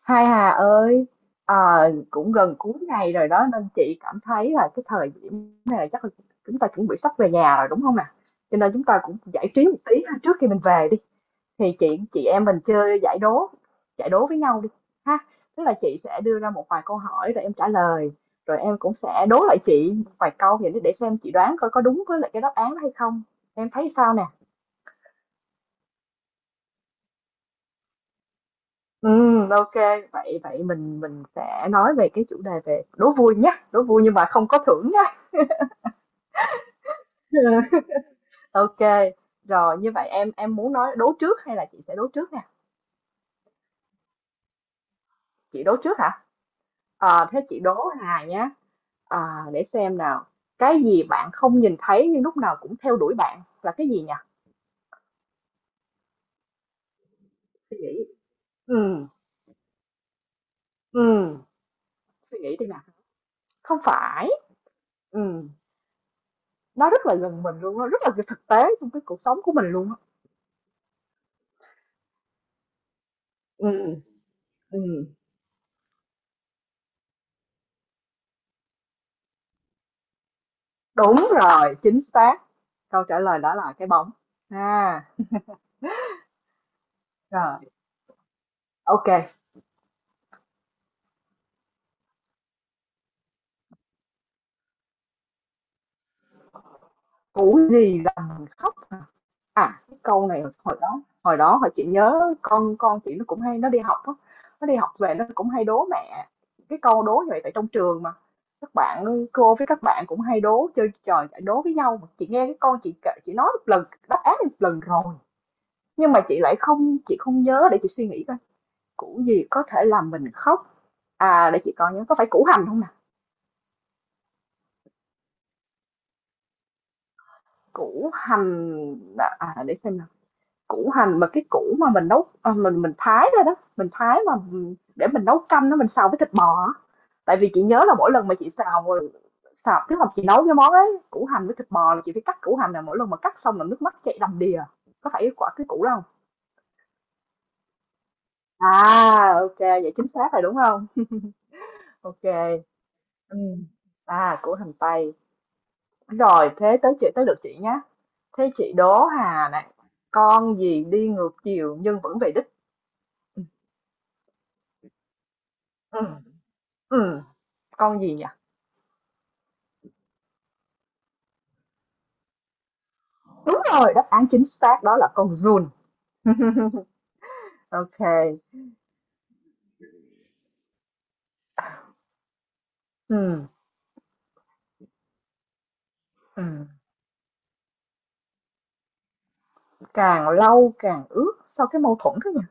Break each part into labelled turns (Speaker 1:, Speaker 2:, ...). Speaker 1: Hai Hà ơi, ờ, cũng gần cuối ngày rồi đó nên chị cảm thấy là cái thời điểm này là chắc là chúng ta chuẩn bị sắp về nhà rồi đúng không nè? Cho nên chúng ta cũng giải trí một tí ha, trước khi mình về đi. Thì chị em mình chơi giải đố với nhau đi ha. Tức là chị sẽ đưa ra một vài câu hỏi rồi em trả lời, rồi em cũng sẽ đố lại chị một vài câu vậy để xem chị đoán coi có đúng với lại cái đáp án đó hay không. Em thấy sao nè? Ừ, ok vậy vậy mình sẽ nói về cái chủ đề về đố vui nhé, đố vui nhưng mà không có thưởng nhé. Ok, rồi như vậy em muốn nói đố trước hay là chị sẽ đố trước nè? Chị đố trước hả? Thế chị đố Hà nhé, à, để xem nào. Cái gì bạn không nhìn thấy nhưng lúc nào cũng theo đuổi bạn là cái gì nhỉ? Suy nghĩ. Ừ, ừ. Suy nghĩ đi nào. Không phải. Ừ, nó rất là gần mình luôn, nó rất là thực tế trong cái cuộc sống của mình luôn á. Ừ, ừ. Đúng rồi, chính xác. Câu trả lời đó là cái bóng. À, rồi, ok kê. Củ gì làm mình khóc? À, cái câu này hồi đó, hồi chị nhớ con chị nó cũng hay nó đi học á, nó đi học về nó cũng hay đố mẹ cái câu đố như vậy tại trong trường mà. Các bạn cô với các bạn cũng hay đố chơi trò chạy đố với nhau mà chị nghe cái con chị nói một lần đáp án một lần rồi, nhưng mà chị không nhớ. Để chị suy nghĩ coi, củ gì có thể làm mình khóc. À, để chị coi nhớ, có phải củ hành không nè? Củ hành, à, để xem nào. Củ hành mà cái củ mà mình nấu, mình thái ra đó, mình thái mà, để mình nấu canh nó, mình xào với thịt bò á. Tại vì chị nhớ là mỗi lần mà chị xào, tức là chị nấu cái món ấy, củ hành với thịt bò là chị phải cắt củ hành, là mỗi lần mà cắt xong là nước mắt chảy đầm đìa. Có phải quả cái củ đó hông? À, vậy chính xác rồi, đúng không? Ok kê, à, củ hành tây. Rồi, thế tới lượt chị nhá. Thế chị đố Hà này, con gì đi ngược chiều nhưng vẫn về đích? Ừ, ừ, ừ, con gì nhỉ? Đúng rồi, đáp án chính xác đó là con giun. Ok. Ừ, ừ. Càng lâu càng ướt, sao cái mâu thuẫn thế nhỉ?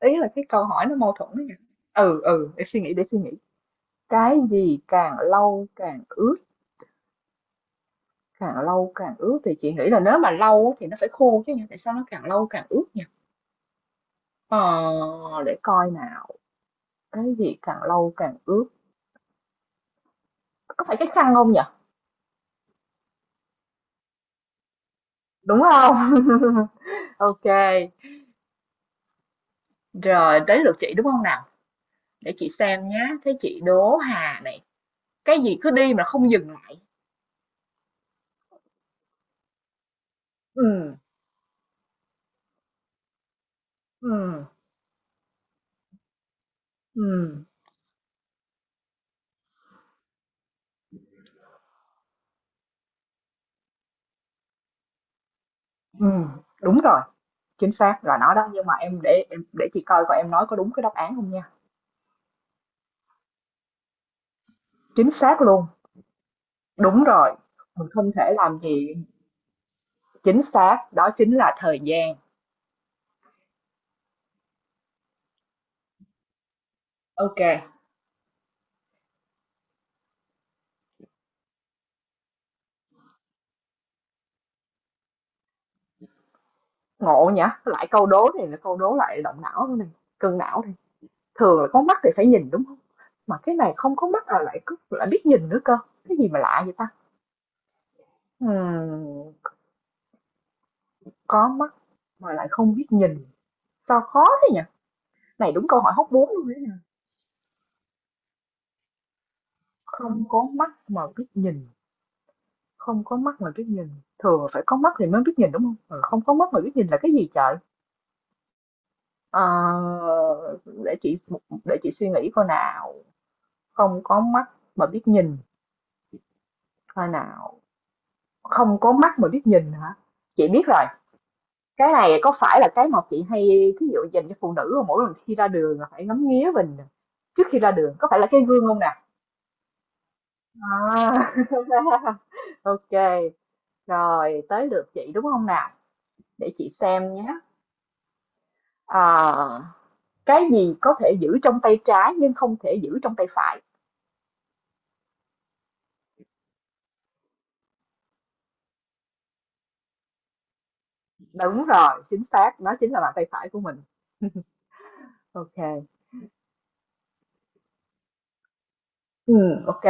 Speaker 1: Ý là cái câu hỏi nó mâu thuẫn đấy nhỉ? Ừ, ừ, để suy nghĩ, để suy nghĩ. Cái gì càng lâu càng ướt, càng lâu càng ướt thì chị nghĩ là nếu mà lâu á thì nó phải khô chứ nhỉ? Tại sao nó càng lâu càng ướt nhỉ? Ờ, để coi nào. Cái gì càng lâu càng ướt? Có phải cái khăn không nhỉ? Đúng không? Ok. Rồi, tới lượt chị đúng không nào? Để chị xem nhá, thấy chị Đỗ Hà này, cái gì cứ đi mà không dừng lại. Ừm, ừm, ừm, ừm, đúng rồi, chính xác là nó đó, nhưng mà em để chị coi coi em nói có đúng cái đáp án không nha. Chính xác luôn, đúng rồi, mình không thể làm gì. Chính xác, đó chính là thời gian. Ok. Ngộ nhỉ, lại câu đố này là câu đố lại động não này, cân não này. Thường là có mắt thì phải nhìn đúng không? Mà cái này không có mắt là lại cứ lại biết nhìn nữa cơ. Cái gì mà lạ vậy ta? Ừm, có mắt mà lại không biết nhìn. Sao khó thế nhỉ? Này đúng câu hỏi hóc búa luôn đấy. Không có mắt mà biết nhìn, không có mắt mà biết nhìn. Thường phải có mắt thì mới biết nhìn đúng không? Ờ, không có mắt mà biết nhìn là cái gì trời? Ờ, để chị, để chị suy nghĩ coi nào. Không có mắt mà biết nhìn, coi nào. Không có mắt mà biết nhìn hả? Chị biết rồi. Cái này có phải là cái mà chị hay ví dụ dành cho phụ nữ không? Mỗi lần khi ra đường là phải ngắm nghía mình trước khi ra đường, có phải là cái gương không nè? À, OK, rồi tới lượt chị đúng không nào? Để chị xem nhé. Ờ, cái gì có thể giữ trong tay trái nhưng không thể giữ trong tay phải? Đúng rồi, chính xác, nó chính là bàn tay phải của mình. OK. Ừ, OK.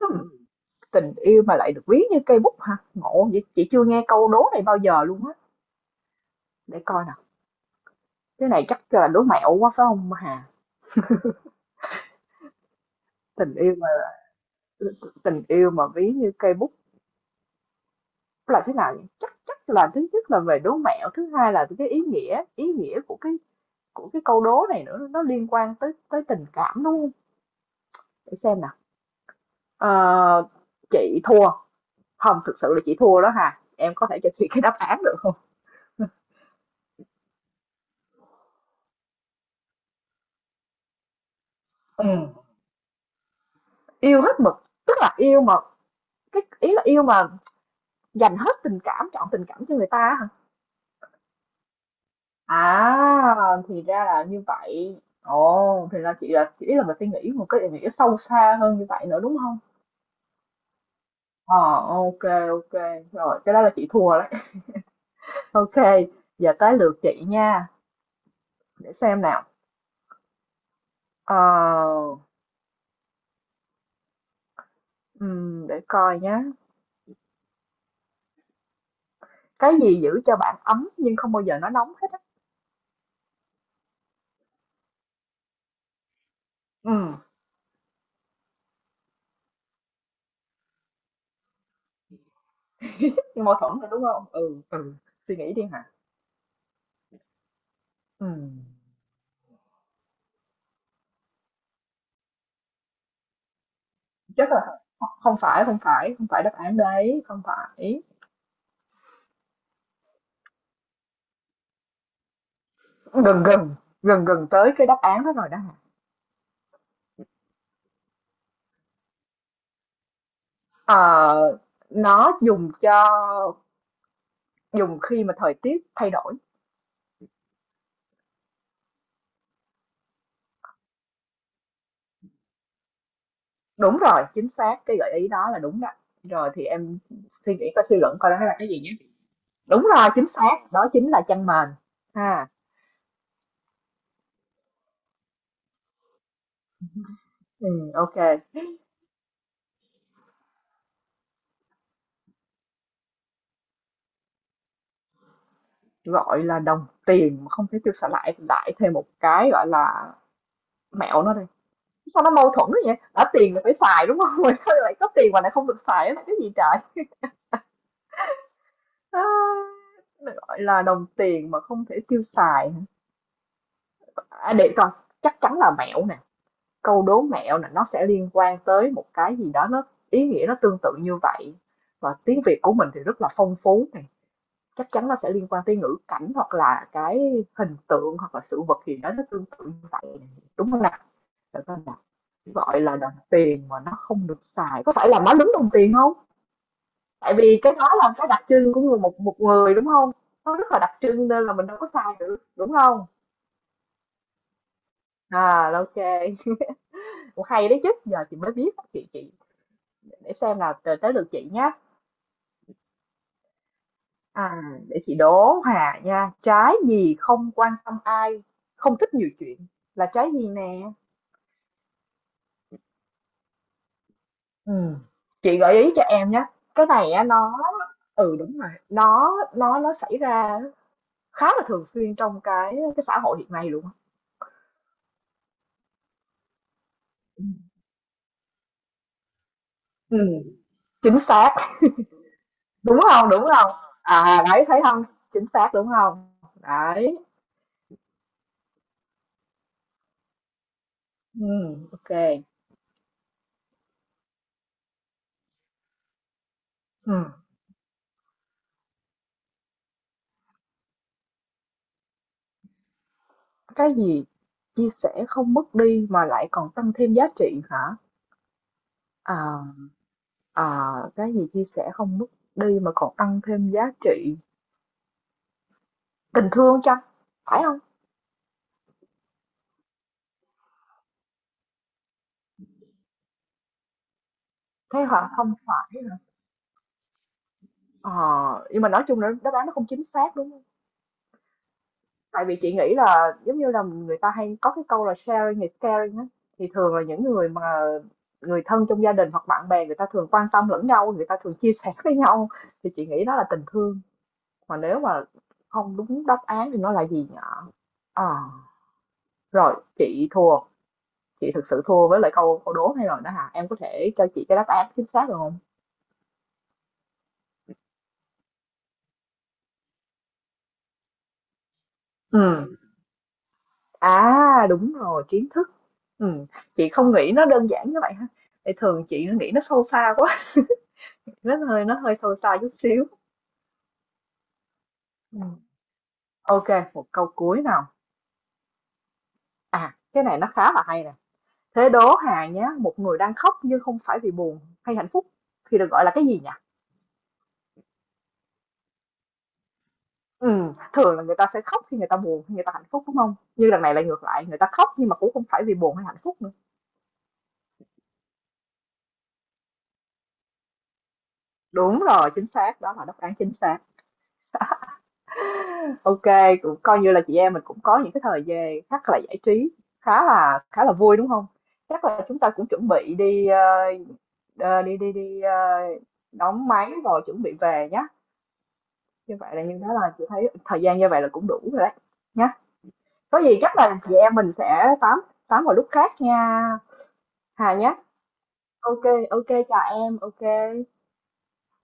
Speaker 1: Hmm, tình yêu mà lại được ví như cây bút hả? Ngộ vậy, chị chưa nghe câu đố này bao giờ luôn á. Để coi nào. Cái này chắc là đố mẹo quá phải không Hà? Tình yêu mà tình yêu mà ví như cây bút là thế nào nhỉ? Chắc Chắc là thứ nhất là về đố mẹo, thứ hai là cái ý nghĩa của cái, câu đố này nữa, nó liên quan tới tới tình cảm, đúng hông? Để xem nào. Ờ, chị thua, hông, thực sự là chị thua đó ha. Em có thể cho chị cái đáp án được không? Ừ. Yêu hết mực, tức là yêu mà, cái ý là yêu mà dành hết tình cảm, chọn tình cảm cho người ta hả? À, thì ra là như vậy. Ồ, thì ra chị là chỉ là mình suy nghĩ một cái ý nghĩa sâu xa hơn như vậy nữa, đúng không? Ờ, ok, ok. Rồi, cái đó là chị thua đấy. Ok, giờ tới lượt chị nha. Để xem nào. Ờ, để coi nhá. Cái gì giữ cho bạn ấm nhưng không bao giờ nó nóng hết á? Ừ, nhưng mâu thuẫn rồi đúng không? Ừ, ừ. Suy nghĩ đi hả? Ừ. Chắc là không phải, không phải, không phải đáp án đấy, không phải. Gần gần, tới cái đáp án đó rồi đó hả? Ờ, nó dùng cho, dùng khi mà thời tiết thay đổi. Đúng rồi, chính xác, cái gợi ý đó là đúng đó. Rồi thì em suy nghĩ coi, suy luận coi đó là cái gì nhé. Đúng rồi, chính xác, đó chính là chăn mền. Ha. Ừ, ok. Gọi là đồng tiền mà không thể tiêu xài lại lại thêm một cái gọi là mẹo nó đi. Sao nó mâu thuẫn vậy? Đã tiền là phải xài đúng không? Mà sao lại có tiền mà lại không được xài là cái gì trời? À, gọi là đồng tiền mà không thể tiêu xài, hả? À, để coi, chắc chắn là mẹo nè. Câu đố mẹo là nó sẽ liên quan tới một cái gì đó, nó ý nghĩa nó tương tự như vậy, và tiếng Việt của mình thì rất là phong phú này, chắc chắn nó sẽ liên quan tới ngữ cảnh hoặc là cái hình tượng hoặc là sự vật gì đó nó tương tự như vậy, đúng không nào? Gọi là đồng tiền mà nó không được xài, có phải là má lúng đồng tiền không? Tại vì cái đó là cái đặc trưng của người, một một người đúng không? Nó rất là đặc trưng nên là mình đâu có xài được đúng không? À, ok, cũng hay đấy chứ, giờ chị mới biết. Chị Để xem nào, tới tới lượt chị nhé. À, để chị đố Hà nha. Trái gì không quan tâm ai, không thích nhiều chuyện, là trái gì nè? Ừ. Chị gợi ý cho em nhé. Cái này á, nó, ừ, đúng rồi, nó xảy ra khá là thường xuyên trong cái xã hội hiện nay luôn á. Ừ, chính xác. Đúng không? Đúng không? À đấy thấy không? Chính xác đúng không? Đấy. Ừ, ok. Ừ. Cái gì chia sẻ không mất đi mà lại còn tăng thêm giá trị hả? À, à, cái gì chia sẻ không mất đi mà còn tăng thêm giá trị? Tình thương chăng? Phải không? Thế hả? Không phải hả? Ờ, nhưng mà nói chung là đáp án nó không chính xác đúng không? Tại vì chị nghĩ là giống như là người ta hay có cái câu là sharing is caring á. Thì thường là những người mà người thân trong gia đình hoặc bạn bè, người ta thường quan tâm lẫn nhau, người ta thường chia sẻ với nhau. Thì chị nghĩ đó là tình thương. Mà nếu mà không đúng đáp án thì nó là gì nhở? Ờ, rồi, chị thua, chị thực sự thua với lại câu câu đố này rồi đó hả? Em có thể cho chị cái đáp án chính xác được không? Ừ. À, đúng rồi, kiến thức. Ừ. Chị không nghĩ nó đơn giản như vậy ha. Thì thường chị nó nghĩ nó sâu xa quá, nó hơi sâu xa chút xíu. Ừ. Ok, một câu cuối nào. À, cái này nó khá là hay nè. Thế đố Hà nhé, một người đang khóc nhưng không phải vì buồn hay hạnh phúc thì được gọi là cái gì nhỉ? Ừ, thường là người ta sẽ khóc khi người ta buồn, khi người ta hạnh phúc, đúng không? Như lần này lại ngược lại, người ta khóc nhưng mà cũng không phải vì buồn hay hạnh phúc nữa. Đúng rồi, chính xác, đó là đáp án chính xác. OK, cũng coi như là chị em mình cũng có những cái thời gian chắc là giải trí khá là vui, đúng không? Chắc là chúng ta cũng chuẩn bị đi, đi đi đi, đóng máy rồi chuẩn bị về nhá. Như vậy là, như đó là chị thấy thời gian như vậy là cũng đủ rồi đấy, nhá. Có gì chắc là chị em mình sẽ tám, vào lúc khác nha, Hà nhá. OK, OK, chào em, OK.